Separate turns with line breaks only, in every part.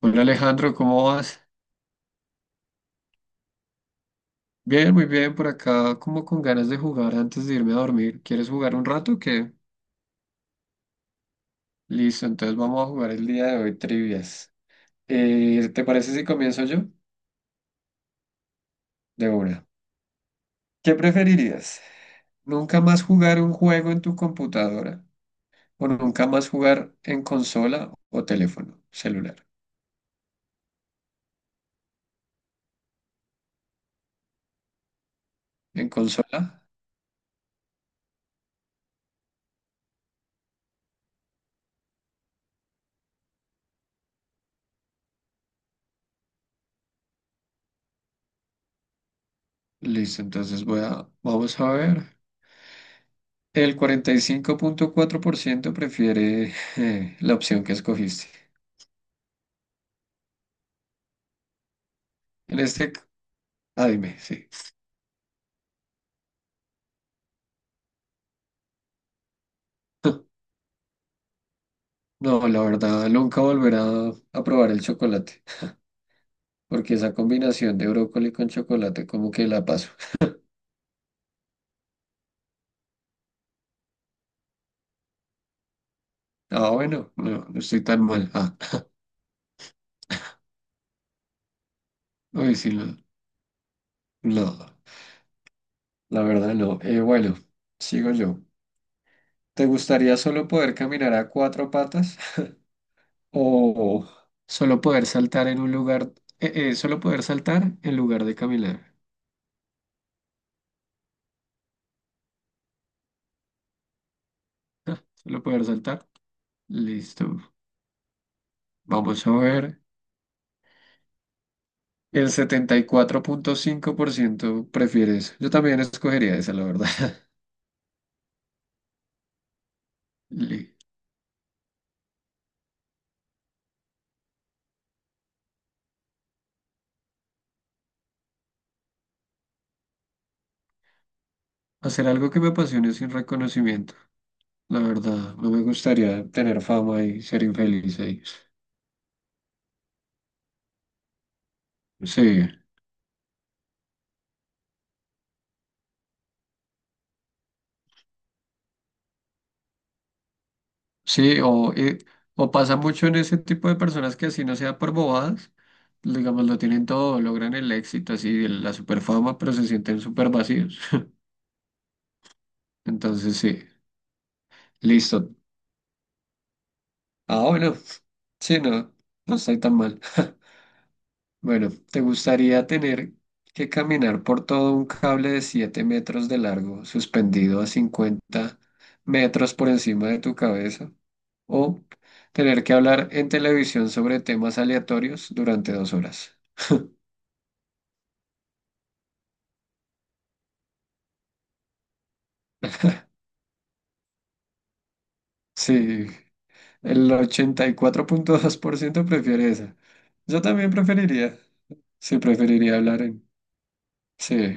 Hola Alejandro, ¿cómo vas? Bien, muy bien, por acá como con ganas de jugar antes de irme a dormir. ¿Quieres jugar un rato o qué? Listo, entonces vamos a jugar el día de hoy trivias. ¿Te parece si comienzo yo? De una. ¿Qué preferirías? ¿Nunca más jugar un juego en tu computadora o nunca más jugar en consola o teléfono celular? ¿En consola? Listo, vamos a ver. El cuarenta y cinco punto cuatro por ciento prefiere la opción que escogiste. En este, c- ah, dime, sí. No, la verdad, nunca volverá a probar el chocolate, porque esa combinación de brócoli con chocolate como que la paso. Ah, bueno, no, no estoy tan mal. Ah, uy, sí, no, no, la verdad no. Bueno, sigo yo. ¿Te gustaría solo poder caminar a cuatro patas o solo poder saltar en un lugar, solo poder saltar en lugar de caminar? Ah, solo poder saltar. Listo. Vamos a ver. El setenta y cuatro punto cinco por ciento prefiere eso. Yo también escogería esa, la verdad. Li- Hacer algo que me apasione sin reconocimiento. La verdad, no me gustaría tener fama y ser infeliz ahí. Sí, sí, o pasa mucho en ese tipo de personas que así no sea por bobadas, digamos, lo tienen todo, logran el éxito, así, la super fama, pero se sienten súper vacíos. Entonces, sí, listo. Ah, bueno, sí, no, no estoy tan mal. Bueno, ¿te gustaría tener que caminar por todo un cable de 7 metros de largo, suspendido a 50 metros por encima de tu cabeza? ¿O tener que hablar en televisión sobre temas aleatorios durante dos horas? Sí, el ochenta y cuatro punto dos por ciento prefiere esa. Yo también preferiría. Sí, preferiría hablar en... Sí,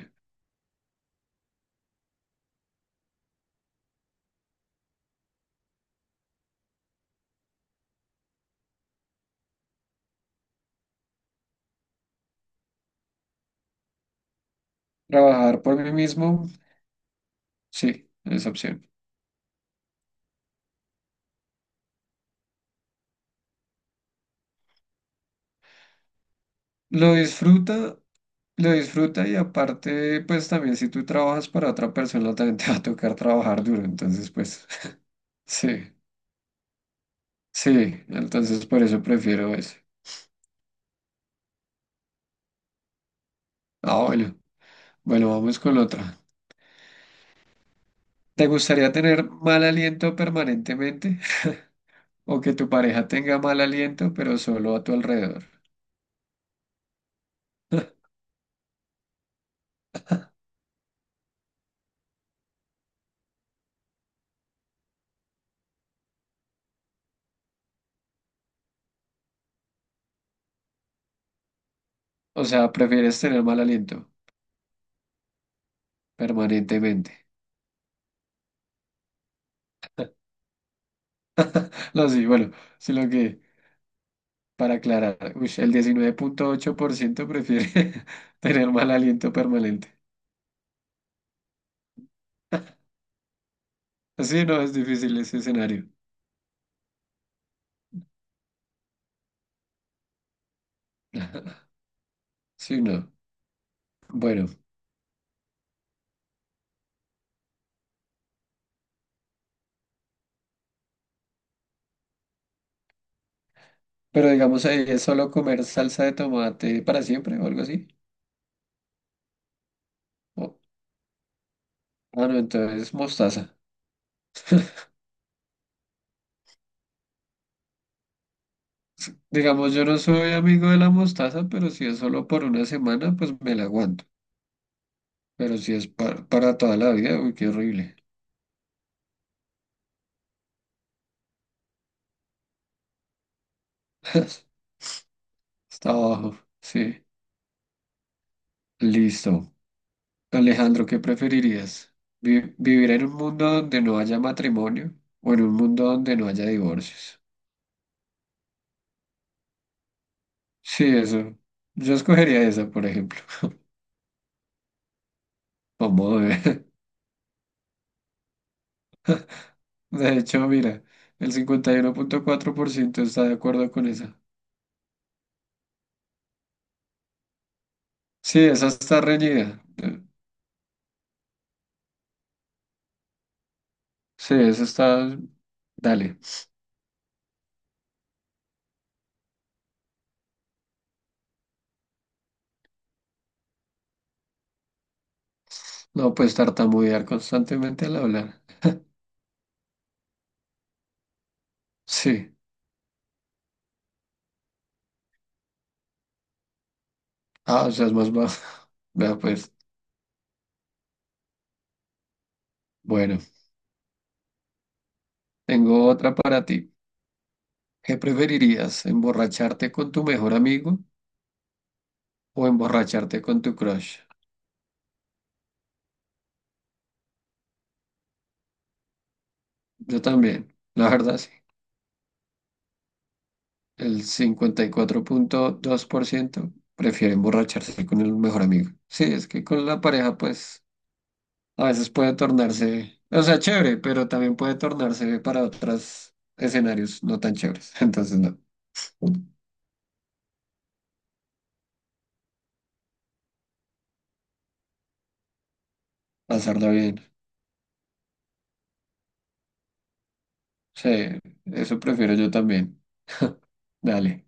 trabajar por mí mismo. Sí, esa opción. ¿Lo disfruta? Lo disfruta, y aparte, pues también si tú trabajas para otra persona, también te va a tocar trabajar duro. Entonces, pues, sí, sí, entonces por eso prefiero ese. Ah, bueno, bueno, vamos con otra. ¿Te gustaría tener mal aliento permanentemente o que tu pareja tenga mal aliento, pero solo a tu alrededor? O sea, ¿prefieres tener mal aliento permanentemente? No, sí, bueno, sino que, para aclarar, uy, el diecinueve punto ocho por ciento prefiere tener mal aliento permanente. Sí, no, es difícil ese escenario. Sí, no. Bueno, pero digamos ahí es solo comer salsa de tomate para siempre o algo así. O- ah, no, entonces mostaza. Digamos, yo no soy amigo de la mostaza, pero si es solo por una semana, pues me la aguanto. Pero si es para toda la vida, uy, qué horrible. Está abajo. Sí. Listo. Alejandro, ¿qué preferirías? ¿Vivir en un mundo donde no haya matrimonio o en un mundo donde no haya divorcios? Sí, eso. Yo escogería esa, por ejemplo, como de... ver. De hecho, mira, el cincuenta y uno punto cuatro por ciento está de acuerdo con esa. Sí, esa está reñida. Sí, esa está... Dale. No puedes tartamudear constantemente al hablar. Sí. Ah, o sea, es más bajo. Vea, pues. Bueno, tengo otra para ti. ¿Qué preferirías? ¿Emborracharte con tu mejor amigo o emborracharte con tu crush? Yo también, la verdad, sí. El cincuenta y cuatro punto dos por ciento prefiere emborracharse con el mejor amigo. Sí, es que con la pareja, pues, a veces puede tornarse, o sea, chévere, pero también puede tornarse para otros escenarios no tan chéveres. Entonces, no, pasarla bien. Sí, eso prefiero yo también. Dale.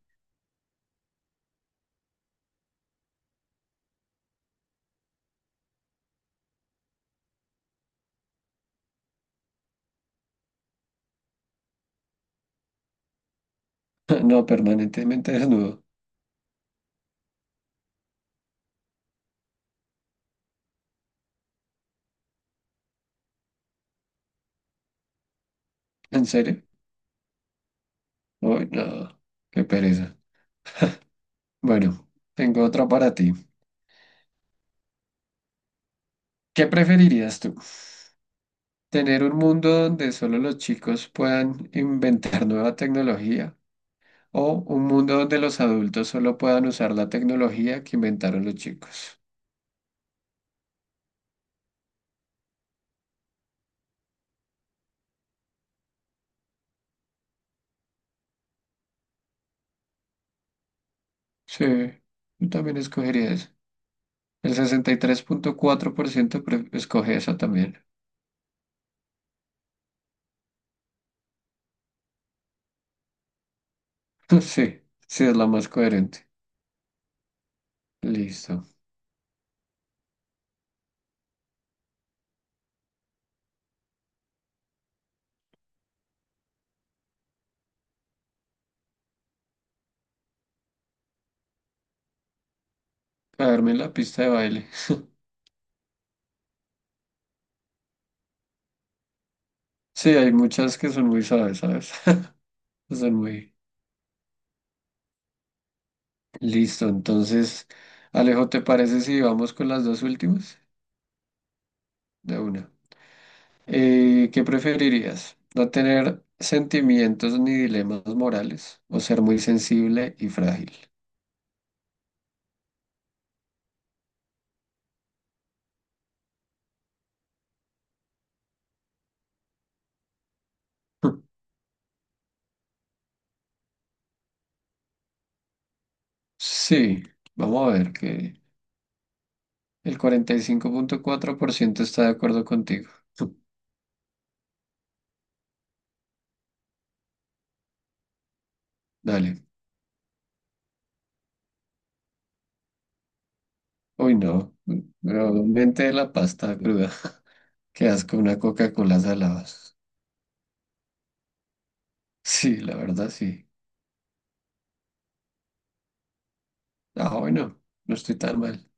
No, permanentemente desnudo. ¿En serio? Uy, no, qué pereza. Bueno, tengo otra para ti. ¿Qué preferirías tú? Tener un mundo donde solo los chicos puedan inventar nueva tecnología o un mundo donde los adultos solo puedan usar la tecnología que inventaron los chicos. Sí, yo también escogería eso. El 63.4% escoge esa también. Sí, sí es la más coherente. Listo. Caerme en la pista de baile. Sí, hay muchas que son muy suaves, ¿sabes? Son muy... Listo, entonces, Alejo, ¿te parece si vamos con las dos últimas? De una. ¿Qué preferirías? ¿No tener sentimientos ni dilemas morales o ser muy sensible y frágil? Sí, vamos a ver que el 45.4% está de acuerdo contigo. Dale. Uy, no. Probablemente de la pasta cruda. Qué asco una Coca-Cola salada. Sí, la verdad, sí. Ah, bueno, no estoy tan mal.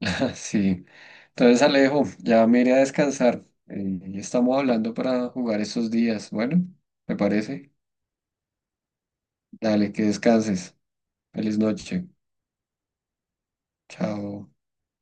Sí. Entonces, Alejo, ya me iré a descansar. Ya estamos hablando para jugar estos días. Bueno, ¿me parece? Dale, que descanses. Feliz noche. Chao.